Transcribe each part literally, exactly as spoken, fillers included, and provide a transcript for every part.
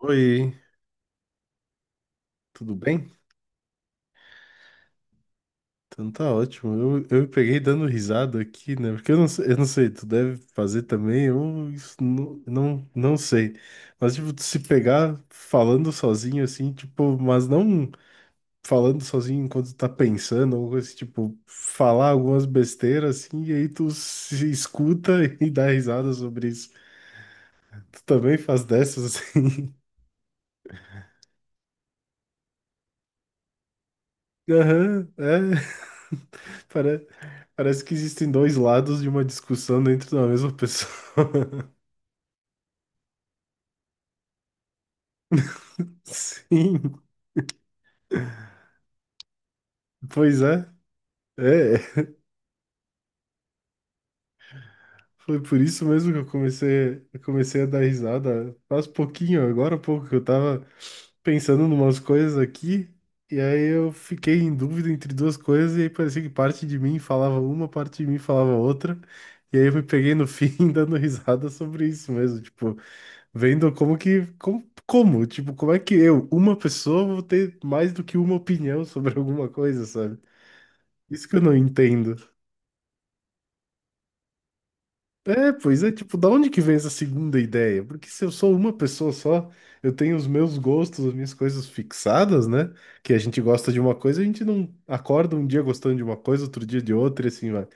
Oi, tudo bem? Então tá ótimo. Eu, eu me peguei dando risada aqui, né? Porque eu não, sei- eu não sei, tu deve fazer também, eu isso não, não, não sei. Mas, tipo, tu se pegar falando sozinho, assim, tipo, mas não falando sozinho enquanto tá pensando, ou coisa assim, tipo, falar algumas besteiras, assim, e aí tu se escuta e dá risada sobre isso. Tu também faz dessas, assim? Aham, é. Pare- Parece que existem dois lados de uma discussão dentro da mesma pessoa. Sim, pois é. É, foi por isso mesmo que eu comecei, eu comecei a dar risada faz pouquinho, agora há pouco, que eu tava pensando em umas coisas aqui, e aí eu fiquei em dúvida entre duas coisas, e aí parecia que parte de mim falava uma, parte de mim falava outra, e aí eu me peguei no fim dando risada sobre isso mesmo, tipo, vendo como que. Como, como? Tipo, como é que eu, uma pessoa, vou ter mais do que uma opinião sobre alguma coisa, sabe? Isso que eu não entendo. É, pois é, tipo, da onde que vem essa segunda ideia? Porque se eu sou uma pessoa só, eu tenho os meus gostos, as minhas coisas fixadas, né? Que a gente gosta de uma coisa, a gente não acorda um dia gostando de uma coisa, outro dia de outra, e assim, vai.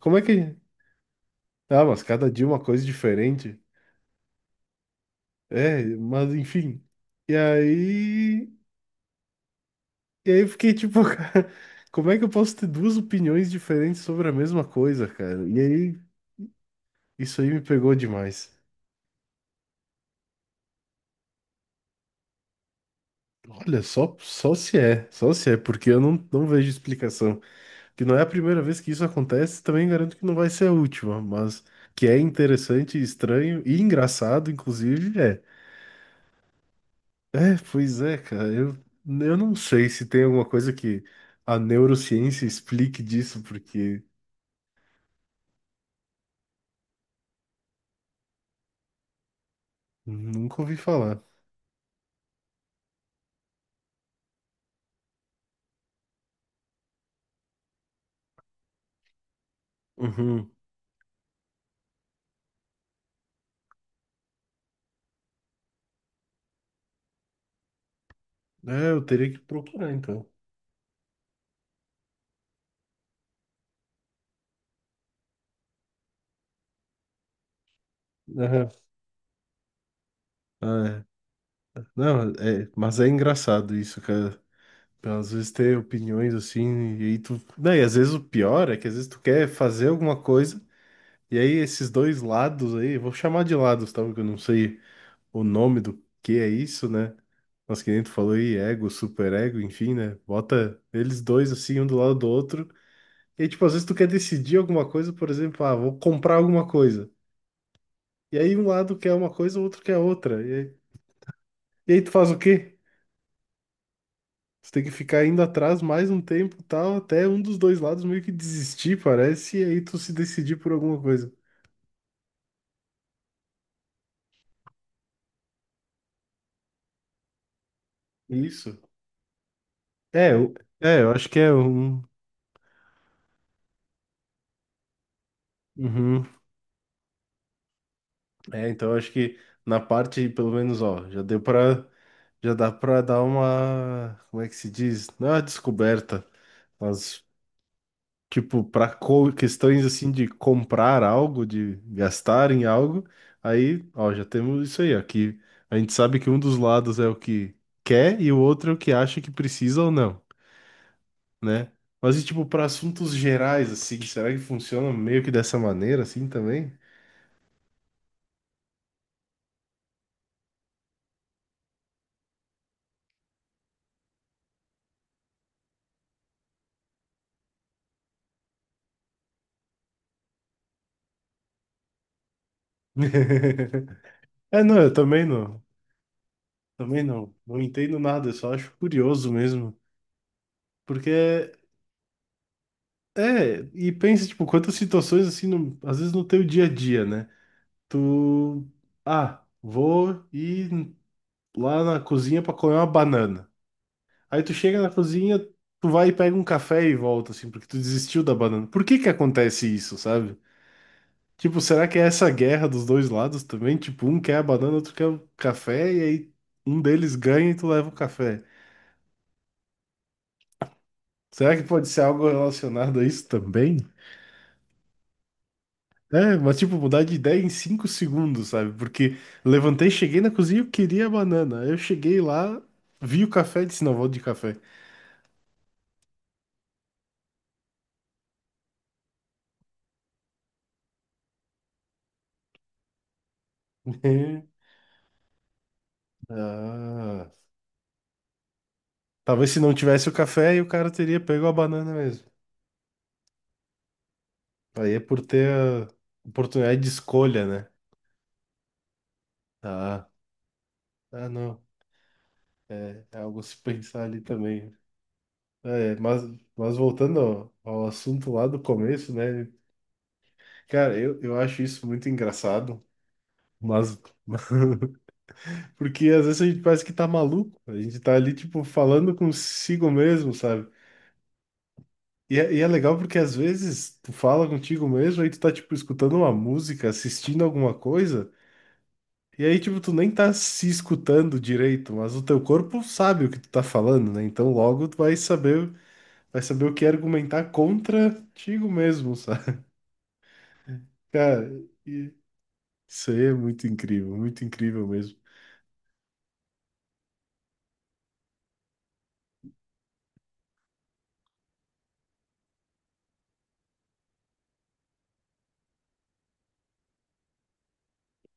Como é que. Ah, mas cada dia uma coisa diferente. É, mas enfim. E aí. E aí eu fiquei tipo, cara, como é que eu posso ter duas opiniões diferentes sobre a mesma coisa, cara? E aí, isso aí me pegou demais. Olha, só, só se é, só se é, porque eu não, não vejo explicação. Que não é a primeira vez que isso acontece, também garanto que não vai ser a última, mas que é interessante, estranho e engraçado, inclusive, é. É, pois é, cara, eu, eu não sei se tem alguma coisa que a neurociência explique disso, porque nunca ouvi falar. Uhum. É, eu teria que procurar, então. Aham. Ah, é. Não, é, mas é engraçado isso, cara. Às vezes ter opiniões assim, e aí tu. Não, e às vezes o pior é que às vezes tu quer fazer alguma coisa, e aí esses dois lados aí, vou chamar de lados, tá? Porque eu não sei o nome do que é isso, né? Mas que nem tu falou aí, ego, superego, enfim, né? Bota eles dois assim, um do lado do outro. E aí, tipo, às vezes tu quer decidir alguma coisa, por exemplo, ah, vou comprar alguma coisa. E aí um lado quer uma coisa, o outro quer outra. E aí tu faz o quê? Tu tem que ficar indo atrás mais um tempo, e tal, até um dos dois lados meio que desistir, parece, e aí tu se decidir por alguma coisa. Isso. É, eu, é, eu acho que é um. Uhum. É, então eu acho que na parte, pelo menos, ó, já deu pra. Já dá pra dar uma. Como é que se diz? Não é uma descoberta, mas tipo, para questões assim de comprar algo, de gastar em algo, aí, ó, já temos isso aí, ó, que a gente sabe que um dos lados é o que quer e o outro é o que acha que precisa ou não, né? Mas e tipo, para assuntos gerais, assim, será que funciona meio que dessa maneira, assim, também? É, não, eu também não, também não, não entendo nada, eu só acho curioso mesmo, porque... É, e pensa, tipo, quantas situações, assim, no- às vezes no teu dia a dia, né? Tu, ah, vou ir lá na cozinha pra comer uma banana. Aí tu chega na cozinha, tu vai e pega um café e volta, assim, porque tu desistiu da banana. Por que que acontece isso, sabe? Tipo, será que é essa guerra dos dois lados também? Tipo, um quer a banana, outro quer o café, e aí um deles ganha e tu leva o café. Será que pode ser algo relacionado a isso também? É, mas tipo, mudar de ideia em cinco segundos, sabe? Porque levantei, cheguei na cozinha, eu queria a banana. Aí eu cheguei lá, vi o café e disse, não, vou de café. Ah, talvez se não tivesse o café, aí o cara teria pego a banana mesmo. Aí é por ter a oportunidade de escolha, né? Ah, ah não. É, é algo a se pensar ali também. É, mas, mas voltando ao, ao assunto lá do começo, né? Cara, eu, eu acho isso muito engraçado, mas Porque às vezes a gente parece que tá maluco, a gente tá ali, tipo, falando consigo mesmo, sabe? E é, e é legal porque às vezes tu fala contigo mesmo, aí tu tá, tipo, escutando uma música, assistindo alguma coisa, e aí, tipo, tu nem tá se escutando direito, mas o teu corpo sabe o que tu tá falando, né? Então logo tu vai saber, vai saber o que argumentar contra contigo mesmo, sabe? Cara, e- isso aí é muito incrível, muito incrível mesmo.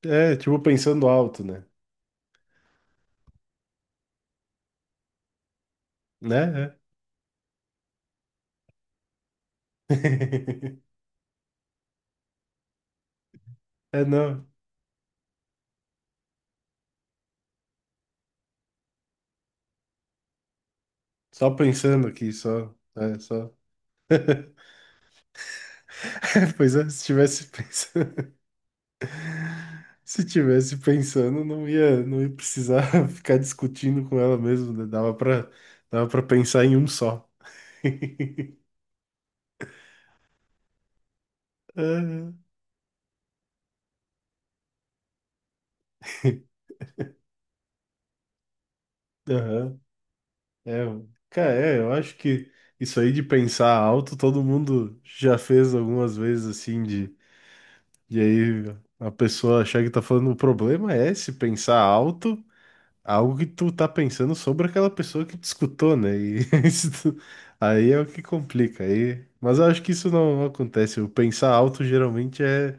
É, tipo, pensando alto, né? Né? É. É, não. Só pensando aqui, só. É, só. Pois é, se tivesse pensando, se tivesse pensando, não ia, não ia precisar ficar discutindo com ela mesmo, né? Dava pra, dava pra pensar em um só. Ah, aham. É, mano. Cara, é, eu acho que isso aí de pensar alto, todo mundo já fez algumas vezes assim, de, de aí a pessoa achar que tá falando, o problema é se pensar alto algo que tu tá pensando sobre aquela pessoa que te escutou, né? E isso tu- aí é o que complica. Aí, mas eu acho que isso não acontece. O pensar alto geralmente é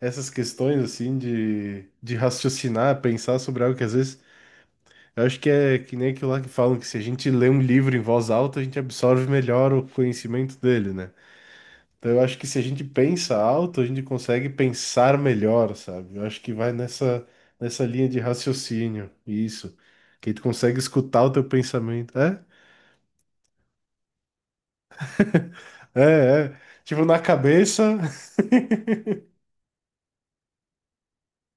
essas questões assim de, de raciocinar, pensar sobre algo que às vezes eu acho que é que nem aquilo lá que falam que se a gente lê um livro em voz alta, a gente absorve melhor o conhecimento dele, né? Então eu acho que se a gente pensa alto, a gente consegue pensar melhor, sabe? Eu acho que vai nessa, nessa linha de raciocínio, isso. Que aí tu consegue escutar o teu pensamento. É, é, é. Tipo, na cabeça,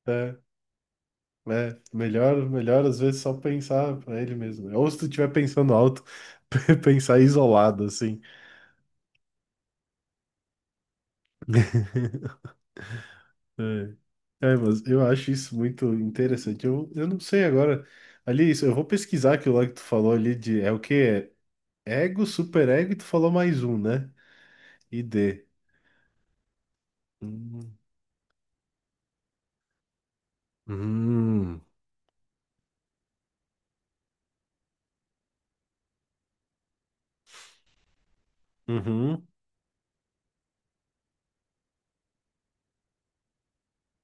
é, é. Melhor, melhor às vezes só pensar pra ele mesmo. Ou se tu estiver pensando alto, pensar isolado, assim. É. É, mas eu acho isso muito interessante. Eu, eu não sei agora. Ali, isso, eu vou pesquisar aquilo lá que tu falou ali de. É o quê? Ego, superego, e tu falou mais um, né? I D. Hum, hum, uhum,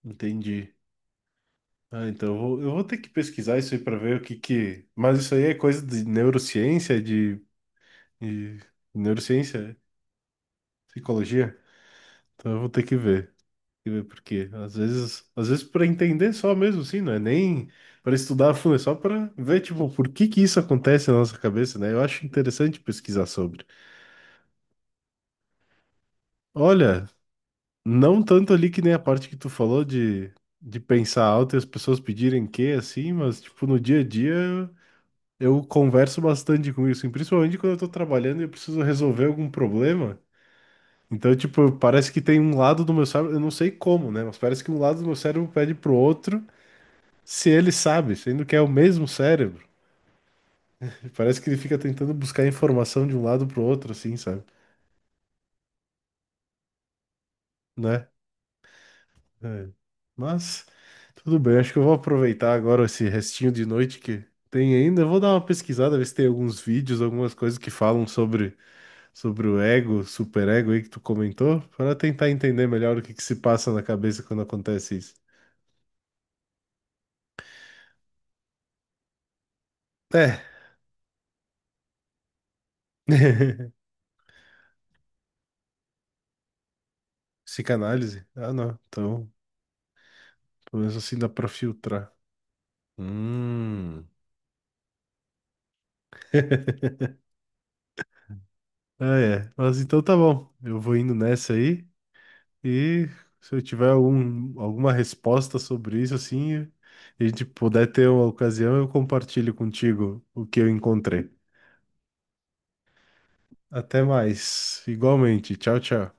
entendi. Ah, então eu vou, eu vou ter que pesquisar isso aí para ver o que que. Mas isso aí é coisa de neurociência, de, de neurociência, psicologia. Então eu vou ter que ver. Tem que ver por quê. Às vezes, às vezes para entender só mesmo, sim, não é nem para estudar a fundo, é só para ver, tipo, por que que isso acontece na nossa cabeça, né? Eu acho interessante pesquisar sobre. Olha, não tanto ali que nem a parte que tu falou de, de pensar alto e as pessoas pedirem que, assim, mas, tipo, no dia a dia eu converso bastante com isso, e principalmente quando eu tô trabalhando e eu preciso resolver algum problema. Então, tipo, parece que tem um lado do meu cérebro, eu não sei como, né? Mas parece que um lado do meu cérebro pede pro outro se ele sabe, sendo que é o mesmo cérebro. Parece que ele fica tentando buscar informação de um lado pro outro, assim, sabe? Né? É. Mas tudo bem, acho que eu vou aproveitar agora esse restinho de noite que tem ainda. Eu vou dar uma pesquisada, ver se tem alguns vídeos, algumas coisas que falam sobre, sobre o ego, superego aí que tu comentou, para tentar entender melhor o que que se passa na cabeça quando acontece isso. É, psicanálise? Ah, não. Então, pelo menos assim dá pra filtrar. Hum. Ah, é. Mas então tá bom. Eu vou indo nessa aí. E se eu tiver algum, alguma resposta sobre isso, assim, e a gente puder ter uma ocasião, eu compartilho contigo o que eu encontrei. Até mais. Igualmente. Tchau, tchau.